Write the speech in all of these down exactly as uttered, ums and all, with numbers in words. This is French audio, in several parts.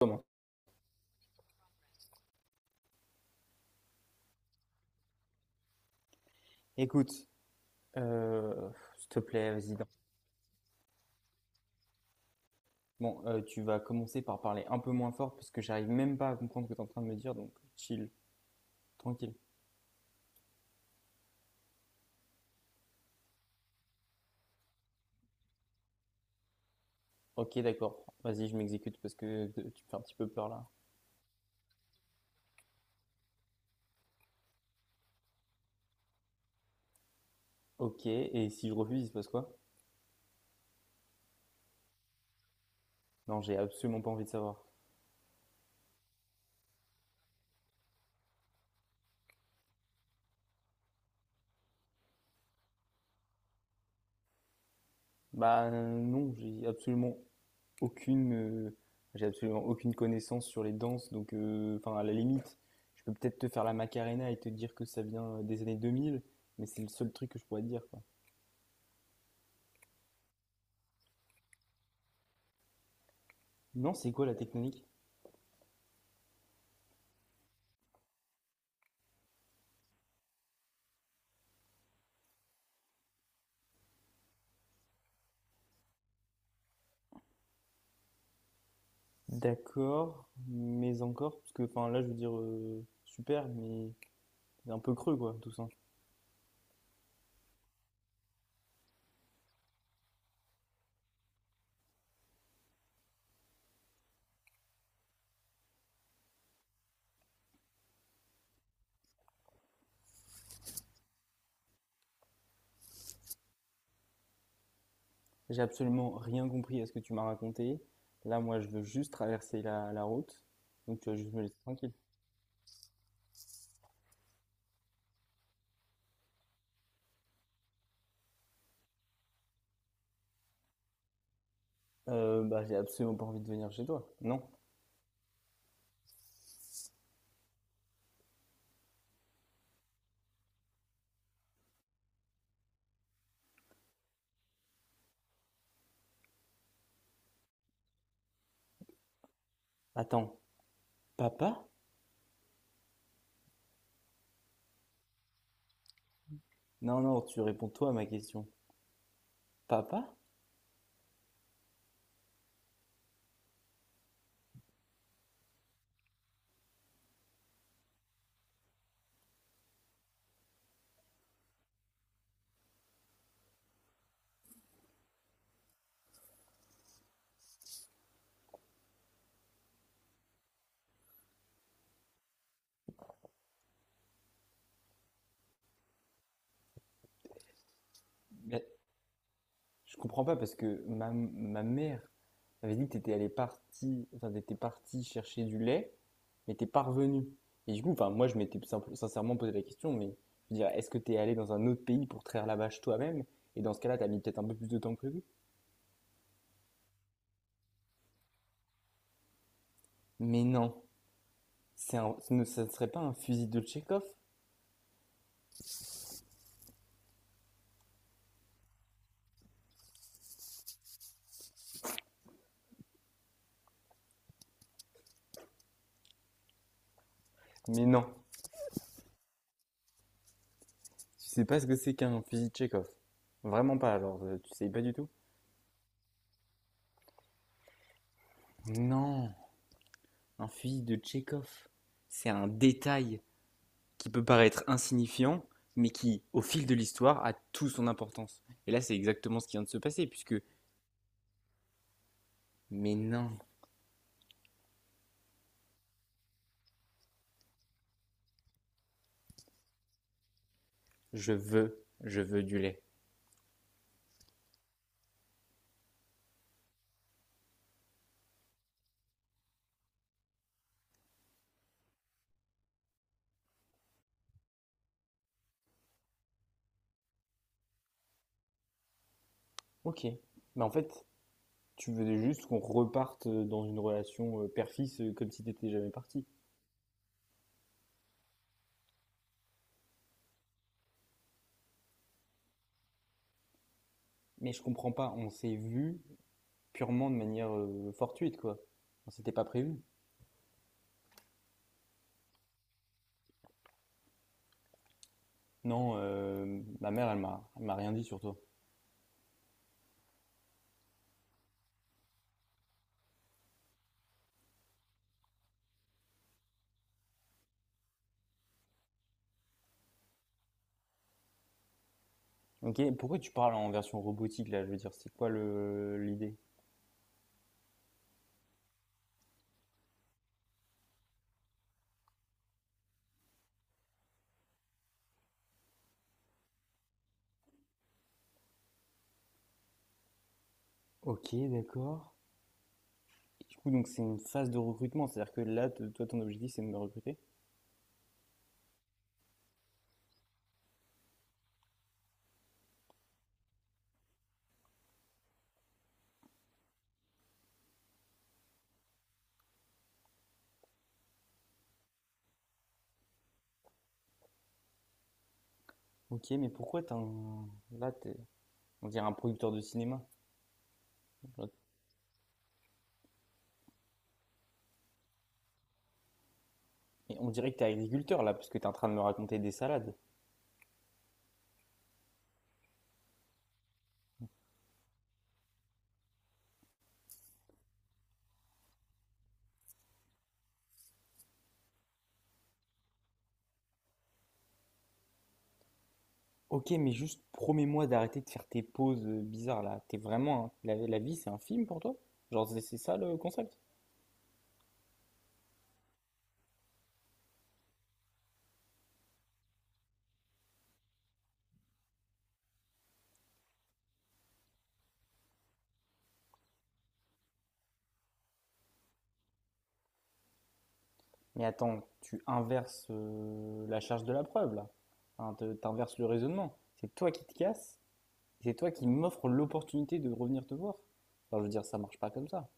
Comment? Écoute, euh, s'il te plaît, vas-y. Non. Bon, euh, tu vas commencer par parler un peu moins fort parce que j'arrive même pas à comprendre ce que tu es en train de me dire, donc chill, tranquille. Ok, d'accord. Vas-y, je m'exécute parce que euh, tu me fais un petit peu peur là. Ok, et si je refuse, il se passe quoi? Non, j'ai absolument pas envie de savoir. Bah euh, non, j'ai absolument aucune, euh, j'ai absolument aucune connaissance sur les danses, donc euh, enfin à la limite, je peux peut-être te faire la Macarena et te dire que ça vient euh, des années deux mille, mais c'est le seul truc que je pourrais te dire, quoi. Non, c'est quoi la technique? D'accord, mais encore, parce que enfin là je veux dire euh, super, mais un peu creux quoi, tout ça. J'ai absolument rien compris à ce que tu m'as raconté. Là, moi, je veux juste traverser la, la route, donc tu vas juste me laisser tranquille. Euh, bah, j'ai absolument pas envie de venir chez toi. Non. Attends, papa? Non, non, tu réponds toi à ma question. Papa? Mais je comprends pas parce que ma, ma mère m'avait dit que t'étais allé parti, enfin, t'étais parti chercher du lait. Mais t'es pas revenu. Et du coup, enfin, moi, je m'étais simple- sincèrement posé la question, mais je veux dire, est-ce que t'es allé dans un autre pays pour traire la vache toi-même? Et dans ce cas-là, t'as mis peut-être un peu plus de temps que prévu. Mais non, c'est un- ce ne, ça ne serait pas un fusil de Tchekhov? Mais non, tu sais pas ce que c'est qu'un fusil de Tchekhov. Vraiment pas, alors, euh, tu sais pas du tout? Non, un fusil de Tchekhov, c'est un détail qui peut paraître insignifiant, mais qui, au fil de l'histoire, a tout son importance. Et là, c'est exactement ce qui vient de se passer, puisque... Mais non, Je veux, je veux du lait. Ok. Mais en fait, tu veux juste qu'on reparte euh, dans une relation euh, père-fils euh, comme si t'étais jamais parti. Mais je comprends pas, on s'est vu purement de manière euh, fortuite, quoi. On s'était pas prévu. Non, euh, ma mère, elle m'a, elle m'a rien dit sur toi. Ok, pourquoi tu parles en version robotique, là? Je veux dire, c'est quoi le, l'idée? Ok, d'accord. Et du coup, donc c'est une phase de recrutement, c'est-à-dire que là, te- toi, ton objectif, c'est de me recruter? Ok, mais pourquoi t'as un... Là, t'es, on dirait un producteur de cinéma. Et on dirait que t'es agriculteur là, parce que t'es en train de me raconter des salades. Ok, mais juste promets-moi d'arrêter de faire tes pauses euh, bizarres là. T'es vraiment. un- La, la vie, c'est un film pour toi? Genre, c'est c'est ça le concept? Mais attends, tu inverses euh, la charge de la preuve là. Hein, te- t'inverses le raisonnement. C'est toi qui te casses, c'est toi qui m'offres l'opportunité de revenir te voir. Enfin, je veux dire, ça marche pas comme ça.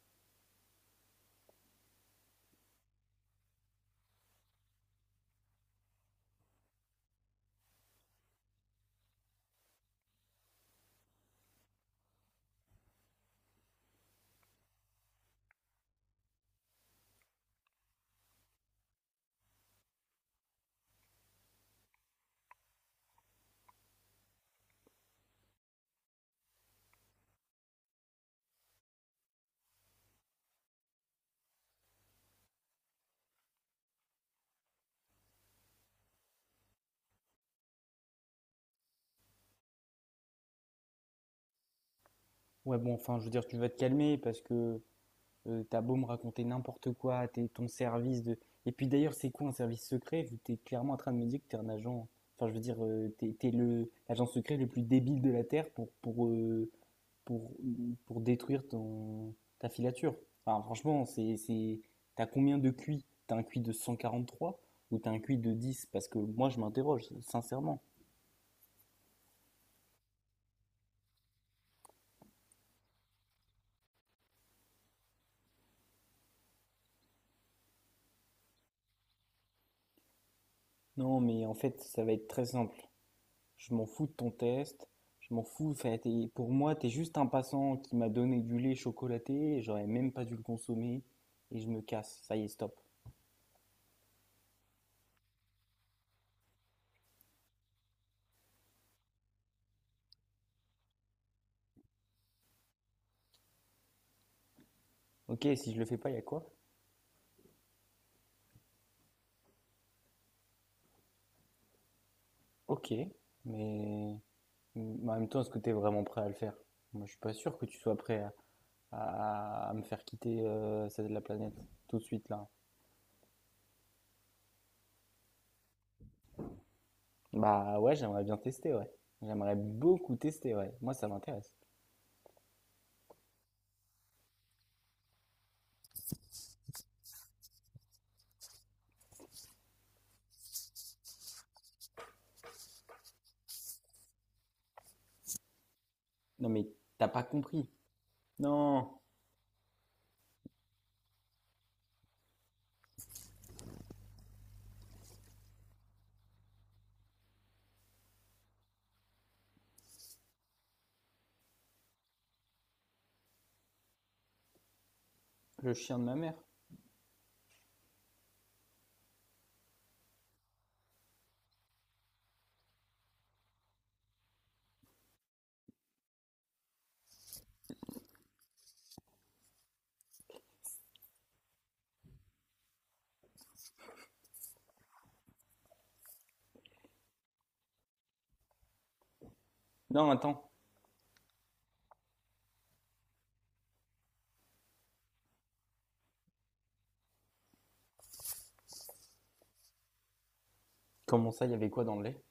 Ouais, bon, enfin, je veux dire, tu vas te calmer parce que Euh, t'as beau me raconter n'importe quoi, t'es ton service de... Et puis d'ailleurs, c'est quoi un service secret? Vu que t'es clairement en train de me dire que t'es un agent... Enfin, je veux dire, euh, t'es, t'es le, l'agent secret le plus débile de la Terre pour, pour, euh, pour, pour détruire ton, ta filature. Enfin, franchement, c'est, c'est... T'as combien de Q I? T'as un Q I de cent quarante trois ou t'as un Q I de dix parce que moi, je m'interroge, sincèrement. Non, mais en fait, ça va être très simple. Je m'en fous de ton test, je m'en fous, enfin, t'es- pour moi, t'es juste un passant qui m'a donné du lait chocolaté, et j'aurais même pas dû le consommer, et je me casse, ça y est, stop. Ok, si je le fais pas, il y a quoi? Ok, mais mais en même temps, est-ce que t'es vraiment prêt à le faire? Moi, je suis pas sûr que tu sois prêt à, à- à me faire quitter euh, celle de la planète tout de suite là. Bah ouais, j'aimerais bien tester, ouais. J'aimerais beaucoup tester, ouais. Moi, ça m'intéresse. Non, mais t'as pas compris. Non, le chien de ma mère. Non, attends. Comment ça, il y avait quoi dans le lait?